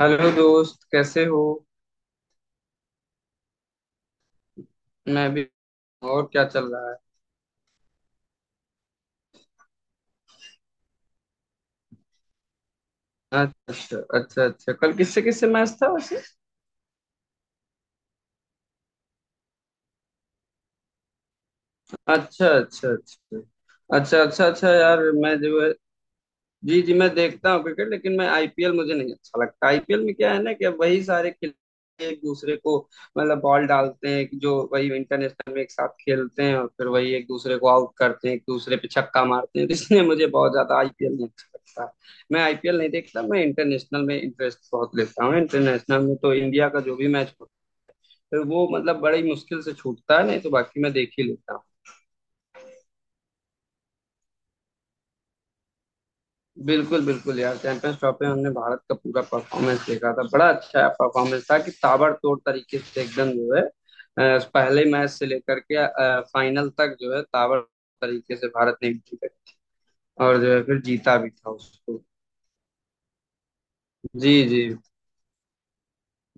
Hello दोस्त, कैसे हो? मैं भी। और क्या चल रहा है? अच्छा, अच्छा, अच्छा। कल किससे किससे मैच था वैसे? अच्छा, अच्छा, अच्छा। अच्छा, अच्छा, अच्छा। यार, मैं जो है जी, जी, मैं देखता हूँ क्रिकेट, लेकिन मैं आईपीएल मुझे नहीं अच्छा लगता। आईपीएल में क्या है ना कि अब वही सारे खिलाड़ी एक दूसरे को मतलब बॉल डालते हैं कि जो वही इंटरनेशनल में एक साथ खेलते हैं, और फिर वही एक दूसरे को आउट करते हैं, एक दूसरे पे छक्का मारते हैं। तो इसलिए मुझे बहुत ज्यादा आईपीएल नहीं अच्छा लगता। मैं आईपीएल नहीं देखता, मैं इंटरनेशनल में इंटरेस्ट बहुत लेता हूँ। इंटरनेशनल में तो इंडिया का जो भी मैच हो, फिर वो मतलब बड़ी मुश्किल से छूटता है, नहीं तो बाकी मैं देख ही लेता हूँ। बिल्कुल, बिल्कुल यार, चैंपियंस ट्रॉफी में हमने भारत का पूरा परफॉर्मेंस देखा था। बड़ा अच्छा परफॉर्मेंस था कि ताबड़तोड़ तरीके से एकदम जो है पहले मैच से लेकर के फाइनल तक जो है ताबड़ तरीके से भारत ने एंट्री करी, और जो है फिर जीता भी था उसको। जी जी।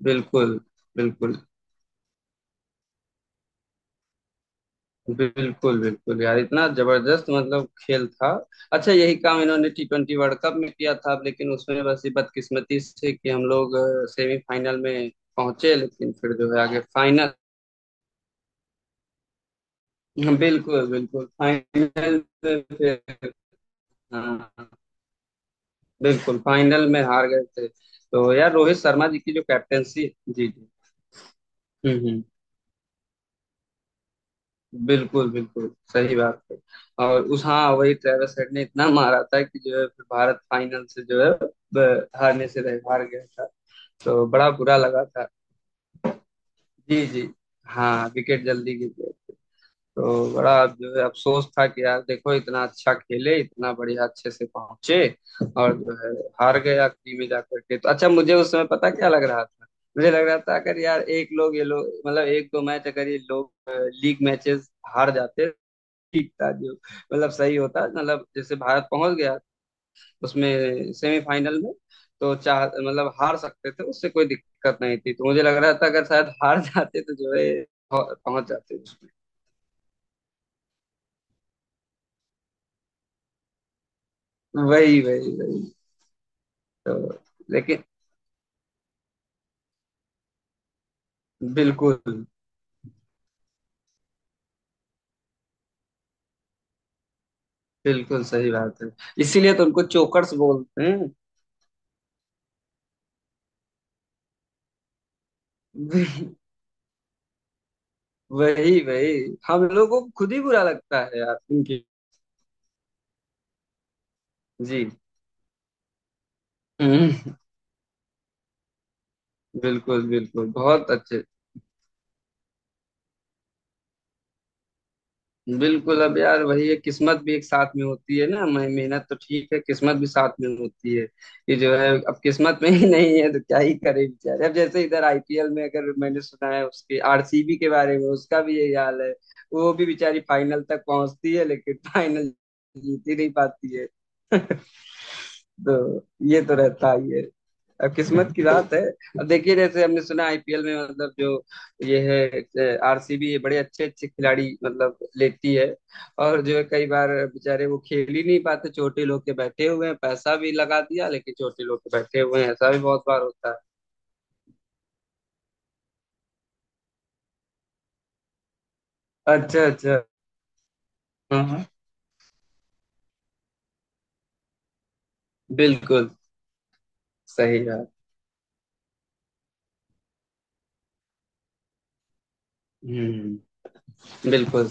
बिल्कुल। बिल्कुल। बिल्कुल, बिल्कुल यार, इतना जबरदस्त मतलब खेल था। अच्छा, यही काम इन्होंने T20 वर्ल्ड कप में किया था, लेकिन उसमें बस ये बदकिस्मती से कि हम लोग सेमीफाइनल में पहुंचे, लेकिन फिर जो है आगे फाइनल। हाँ, बिल्कुल, बिल्कुल। फाइनल में फिर हाँ, बिल्कुल फाइनल में हार गए थे। तो यार, रोहित शर्मा जी की जो कैप्टेंसी जी जी हम्म, हम्म। बिल्कुल, बिल्कुल सही बात है। और उस हाँ, वही ट्रेविस हेड ने इतना मारा था कि जो है फिर भारत फाइनल से जो है हारने से रह हार गया था। तो बड़ा बुरा लगा था। जी जी। हाँ, विकेट जल्दी गिर गए। तो बड़ा जो है अफसोस था कि यार देखो, इतना अच्छा खेले, इतना बढ़िया अच्छे से पहुंचे, और जो है हार गए आखिरी में जाकर के। तो अच्छा, मुझे उस समय पता क्या लग रहा था, मुझे लग रहा था अगर यार एक लोग ये लोग मतलब एक दो मैच अगर ये लोग लीग मैचेस हार जाते, ठीक था। जो मतलब सही होता, मतलब जैसे भारत पहुंच गया उसमें सेमीफाइनल में, तो चाह मतलब हार सकते थे, उससे कोई दिक्कत नहीं थी। तो मुझे लग रहा था अगर शायद हार जाते तो जो है पहुंच जाते उसमें। वही, वही, वही। तो लेकिन बिल्कुल, बिल्कुल सही बात है। इसीलिए तो उनको चोकर्स बोलते हैं। वही, वही, वही, हम लोगों को खुद ही बुरा लगता है यार इनकी। जी। हम्म, बिल्कुल, बिल्कुल बहुत अच्छे। बिल्कुल। अब यार वही है, किस्मत भी एक साथ में होती है ना। मैं मेहनत तो ठीक है, किस्मत भी साथ में होती है। ये जो है अब किस्मत में ही नहीं है तो क्या ही करे बेचारे। अब जैसे इधर आईपीएल में अगर मैंने सुना है उसके आरसीबी के बारे में, उसका भी यही हाल है। वो भी बेचारी फाइनल तक पहुंचती है, लेकिन फाइनल जीत ही नहीं पाती है। तो ये तो रहता ही है। अब किस्मत की बात है। अब देखिए, जैसे हमने सुना आईपीएल में मतलब जो ये है आरसीबी, ये बड़े अच्छे अच्छे खिलाड़ी मतलब लेती है, और जो है कई बार बेचारे वो खेल ही नहीं पाते। छोटे लोग के बैठे हुए हैं, पैसा भी लगा दिया, लेकिन छोटे लोग के बैठे हुए हैं, ऐसा भी बहुत बार होता है। अच्छा, अच्छा। हाँ, हाँ, बिल्कुल सही बात। हम्म। बिल्कुल।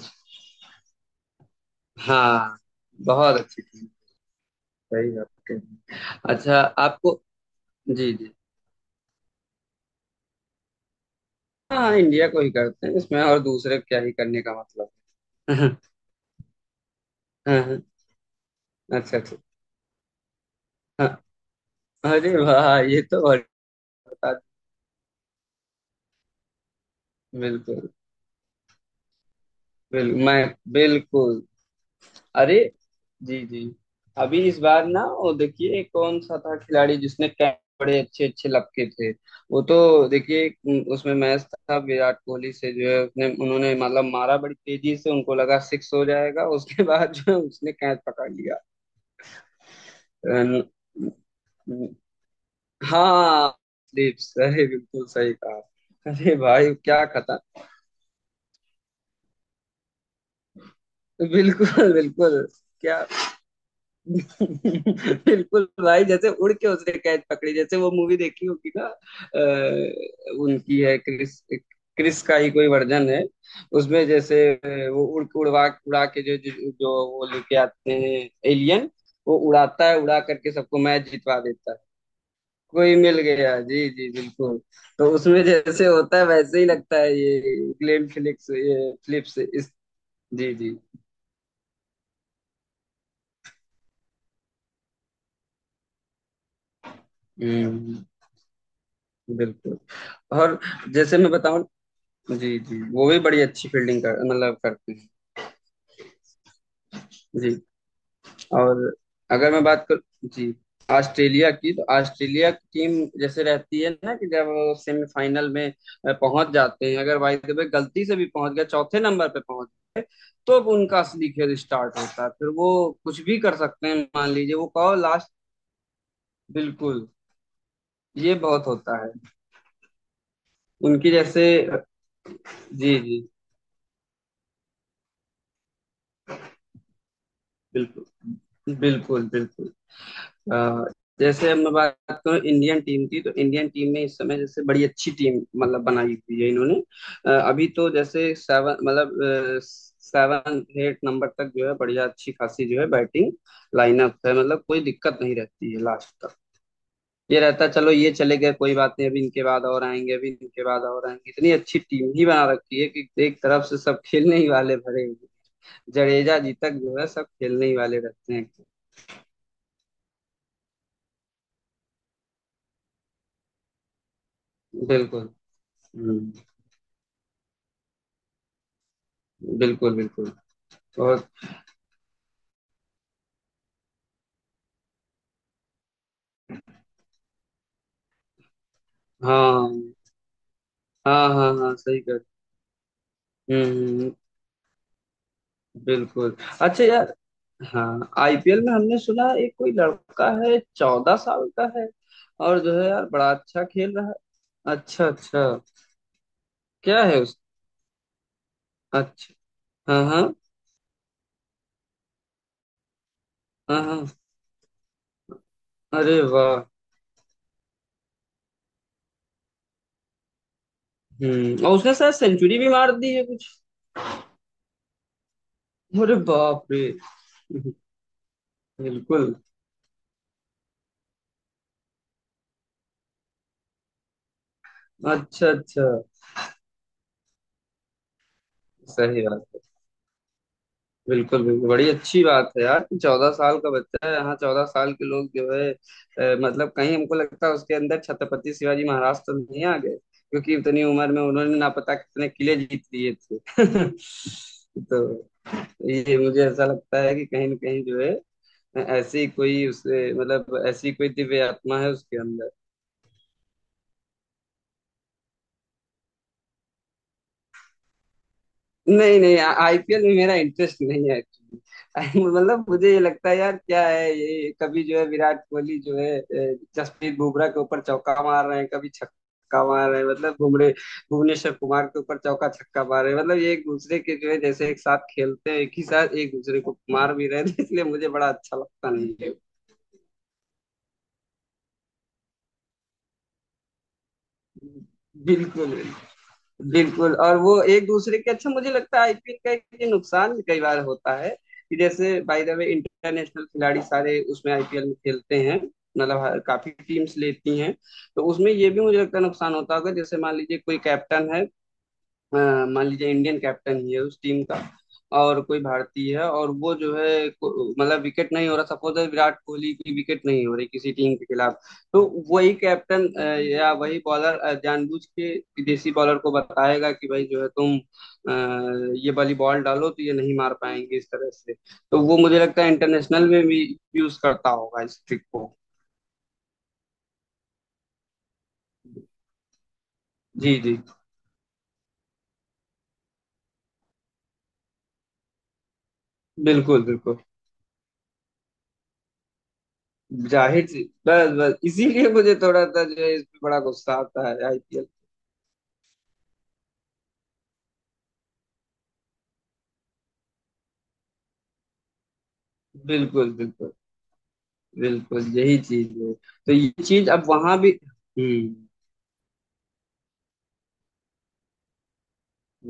हाँ, बहुत अच्छी थी। सही बात कही। अच्छा, आपको जी जी हाँ, इंडिया को ही करते हैं इसमें और दूसरे क्या ही करने का मतलब है। हाँ, हाँ, अच्छा, अच्छा। हाँ। अरे वाह, ये तो और बता। बिल्कुल, बिल्कुल मैं बिल्कुल। अरे, जी जी। अभी इस बार ना वो देखिए कौन सा था खिलाड़ी जिसने कैच बड़े अच्छे अच्छे लपके थे, वो तो देखिए उसमें मैच था विराट कोहली से, जो है उसने उन्होंने मतलब मारा बड़ी तेजी से, उनको लगा सिक्स हो जाएगा, उसके बाद जो है उसने कैच पकड़ लिया। रन हाँ। स्लीप्स, अरे बिल्कुल सही कहा। अरे भाई क्या खता। बिल्कुल, बिल्कुल। क्या बिल्कुल भाई, जैसे उड़ के उसने कैच पकड़ी, जैसे वो मूवी देखी होगी ना उनकी है क्रिस, क्रिस का ही कोई वर्जन है, उसमें जैसे वो उड़ के उड़वा उड़ा के जो जो जो वो लेके आते हैं एलियन, वो उड़ाता है, उड़ा करके सबको मैच जितवा देता है। कोई मिल गया जी जी बिल्कुल। तो उसमें जैसे होता है वैसे ही लगता है ये ग्लेन फिलिप्स, ये फिलिप्स इस जी जी। हम्म, बिल्कुल। और जैसे मैं बताऊं, जी जी, वो भी बड़ी अच्छी फील्डिंग कर मतलब करते हैं। जी। और अगर मैं बात कर जी ऑस्ट्रेलिया की, तो ऑस्ट्रेलिया की टीम जैसे रहती है ना कि जब वो सेमीफाइनल में पहुंच जाते हैं, अगर बाय द वे गलती से भी पहुंच गए चौथे नंबर पे पहुंच गए, तो अब उनका असली खेल स्टार्ट होता है, फिर वो कुछ भी कर सकते हैं। मान लीजिए वो कहो लास्ट। बिल्कुल। ये बहुत होता है। उनकी जैसे जी जी, बिल्कुल, बिल्कुल, बिल्कुल। अ, जैसे अब मैं बात करूँ इंडियन टीम की, तो इंडियन टीम में इस समय जैसे बड़ी अच्छी टीम मतलब बनाई हुई है इन्होंने। अभी तो जैसे सेवन मतलब सेवन एट नंबर तक जो है बढ़िया अच्छी खासी जो है बैटिंग लाइनअप है, मतलब कोई दिक्कत नहीं रहती है लास्ट तक। ये रहता है, चलो ये चले गए कोई बात नहीं, अभी इनके बाद और आएंगे, अभी इनके बाद और आएंगे। इतनी अच्छी टीम ही बना रखी है कि एक तरफ से सब खेलने ही वाले भरे हुए हैं। जडेजा जी तक जो है सब खेलने ही वाले रहते हैं। बिल्कुल। हम्म, बिल्कुल, बिल्कुल। और हाँ, हाँ, हाँ, हाँ, सही कर। हम्म, बिल्कुल। अच्छा यार, हाँ, आईपीएल में हमने सुना एक कोई लड़का है 14 साल का है, और जो है यार बड़ा अच्छा खेल रहा है। अच्छा, अच्छा। क्या है उस अच्छा। हाँ, हाँ, हाँ, हाँ। अरे वाह। हम्म, और उसने शायद सेंचुरी भी मार दी है कुछ। अरे बाप रे, बिल्कुल। अच्छा, अच्छा। सही बात। बिल्कुल, बिल्कुल, बड़ी अच्छी बात है यार कि 14 साल का बच्चा है, यहाँ 14 साल के लोग जो है मतलब कहीं हमको लगता है उसके अंदर छत्रपति शिवाजी महाराज तो नहीं आ गए, क्योंकि इतनी उम्र में उन्होंने ना पता कितने किले जीत लिए थे। तो ये मुझे ऐसा लगता है कि कहीं ना कहीं जो है ऐसी कोई उस मतलब ऐसी कोई दिव्य आत्मा है उसके अंदर। नहीं, नहीं, आईपीएल में मेरा इंटरेस्ट नहीं है एक्चुअली। मतलब मुझे ये लगता है यार क्या है ये कभी जो है विराट कोहली जो है जसप्रीत बुमराह के ऊपर चौका मार रहे हैं, कभी छक्का मार रहे हैं, मतलब बुमरे भुवनेश्वर कुमार के ऊपर चौका छक्का मार रहे हैं। मतलब ये एक दूसरे के जो है, जैसे एक साथ खेलते हैं, एक ही साथ एक दूसरे को मार भी रहे हैं। तो इसलिए मुझे बड़ा अच्छा लगता नहीं है। बिल्कुल, बिल्कुल। और वो एक दूसरे के अच्छा, मुझे लगता है आईपीएल का एक ये नुकसान भी कई बार होता है कि जैसे बाय द वे इंटरनेशनल खिलाड़ी सारे उसमें आईपीएल में खेलते हैं, मतलब काफी टीम्स लेती हैं, तो उसमें ये भी मुझे लगता है नुकसान होता होगा। जैसे मान लीजिए कोई कैप्टन है, अ, मान लीजिए इंडियन कैप्टन ही है उस टीम का, और कोई भारतीय है और वो जो है मतलब विकेट नहीं हो रहा, सपोज है विराट कोहली की विकेट नहीं हो रही किसी टीम के खिलाफ, तो वही कैप्टन या वही बॉलर जानबूझ के विदेशी बॉलर को बताएगा कि भाई जो है तुम ये वाली बॉल डालो तो ये नहीं मार पाएंगे इस तरह से। तो वो मुझे लगता है इंटरनेशनल में भी यूज करता होगा इस ट्रिक को। जी जी, बिल्कुल, बिल्कुल। जाहिर सी बस, बस, इसीलिए मुझे थोड़ा सा जो है इसमें बड़ा गुस्सा आता है आईपीएल। बिल्कुल, बिल्कुल। बिल्कुल, यही चीज है। तो ये चीज अब वहां भी हम्म।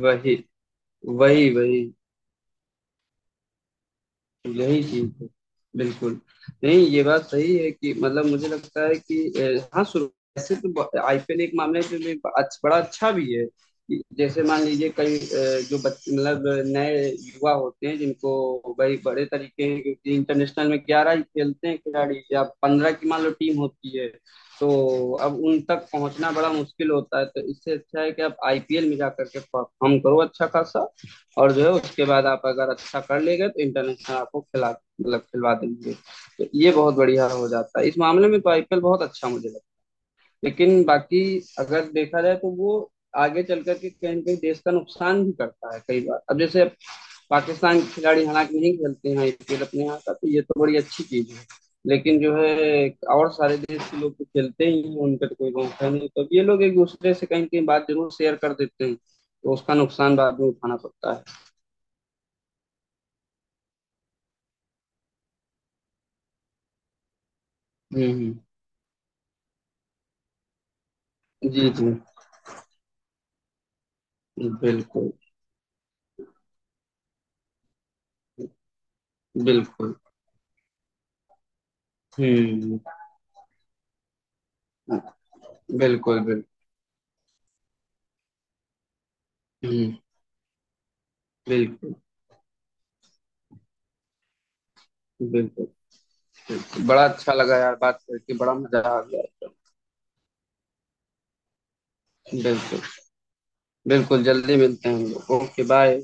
वही, वही, वही, यही चीज है। बिल्कुल। नहीं, ये बात सही है कि मतलब मुझे लगता है कि हाँ शुरू ऐसे तो आईपीएल एक मामला है जो भी बड़ा अच्छा भी है कि जैसे मान लीजिए कई जो बच्चे मतलब नए युवा होते हैं, जिनको भाई बड़े तरीके हैं, क्योंकि इंटरनेशनल में 11 ही खेलते हैं खिलाड़ी, या 15 की मान लो टीम होती है। तो अब उन तक पहुंचना बड़ा मुश्किल होता है, तो इससे अच्छा है कि आप आईपीएल में जा करके परफॉर्म करो अच्छा खासा, और जो है उसके बाद आप अगर अच्छा कर लेंगे तो इंटरनेशनल आपको खिला मतलब खिलवा देंगे। तो ये बहुत बढ़िया हो जाता है इस मामले में, तो आईपीएल बहुत अच्छा मुझे लगता है। लेकिन बाकी अगर देखा जाए तो वो आगे चल करके कहीं ना कहीं देश का नुकसान भी करता है कई बार। अब जैसे पाकिस्तान के खिलाड़ी हालांकि नहीं खेलते हैं आईपीएल अपने यहाँ का, तो ये तो बड़ी अच्छी चीज है। लेकिन जो है और सारे देश के लोग तो खेलते ही हैं, उनका तो कोई मौका नहीं, तो अब ये लोग एक दूसरे से कहीं ना कहीं बात जरूर शेयर कर देते हैं, तो उसका नुकसान बाद में उठाना पड़ता है। हम्म, हम्म। जी, जी। बिल्कुल, बिल्कुल। हुँ, बिल्कुल, बिल्कुल। हुँ, बिल्कुल, बिल्कुल, बिल्कुल। बड़ा अच्छा लगा यार बात करके, बड़ा मज़ा आ गया एकदम। बिल्कुल, बिल्कुल जल्दी मिलते हैं हम लोग। Okay, bye.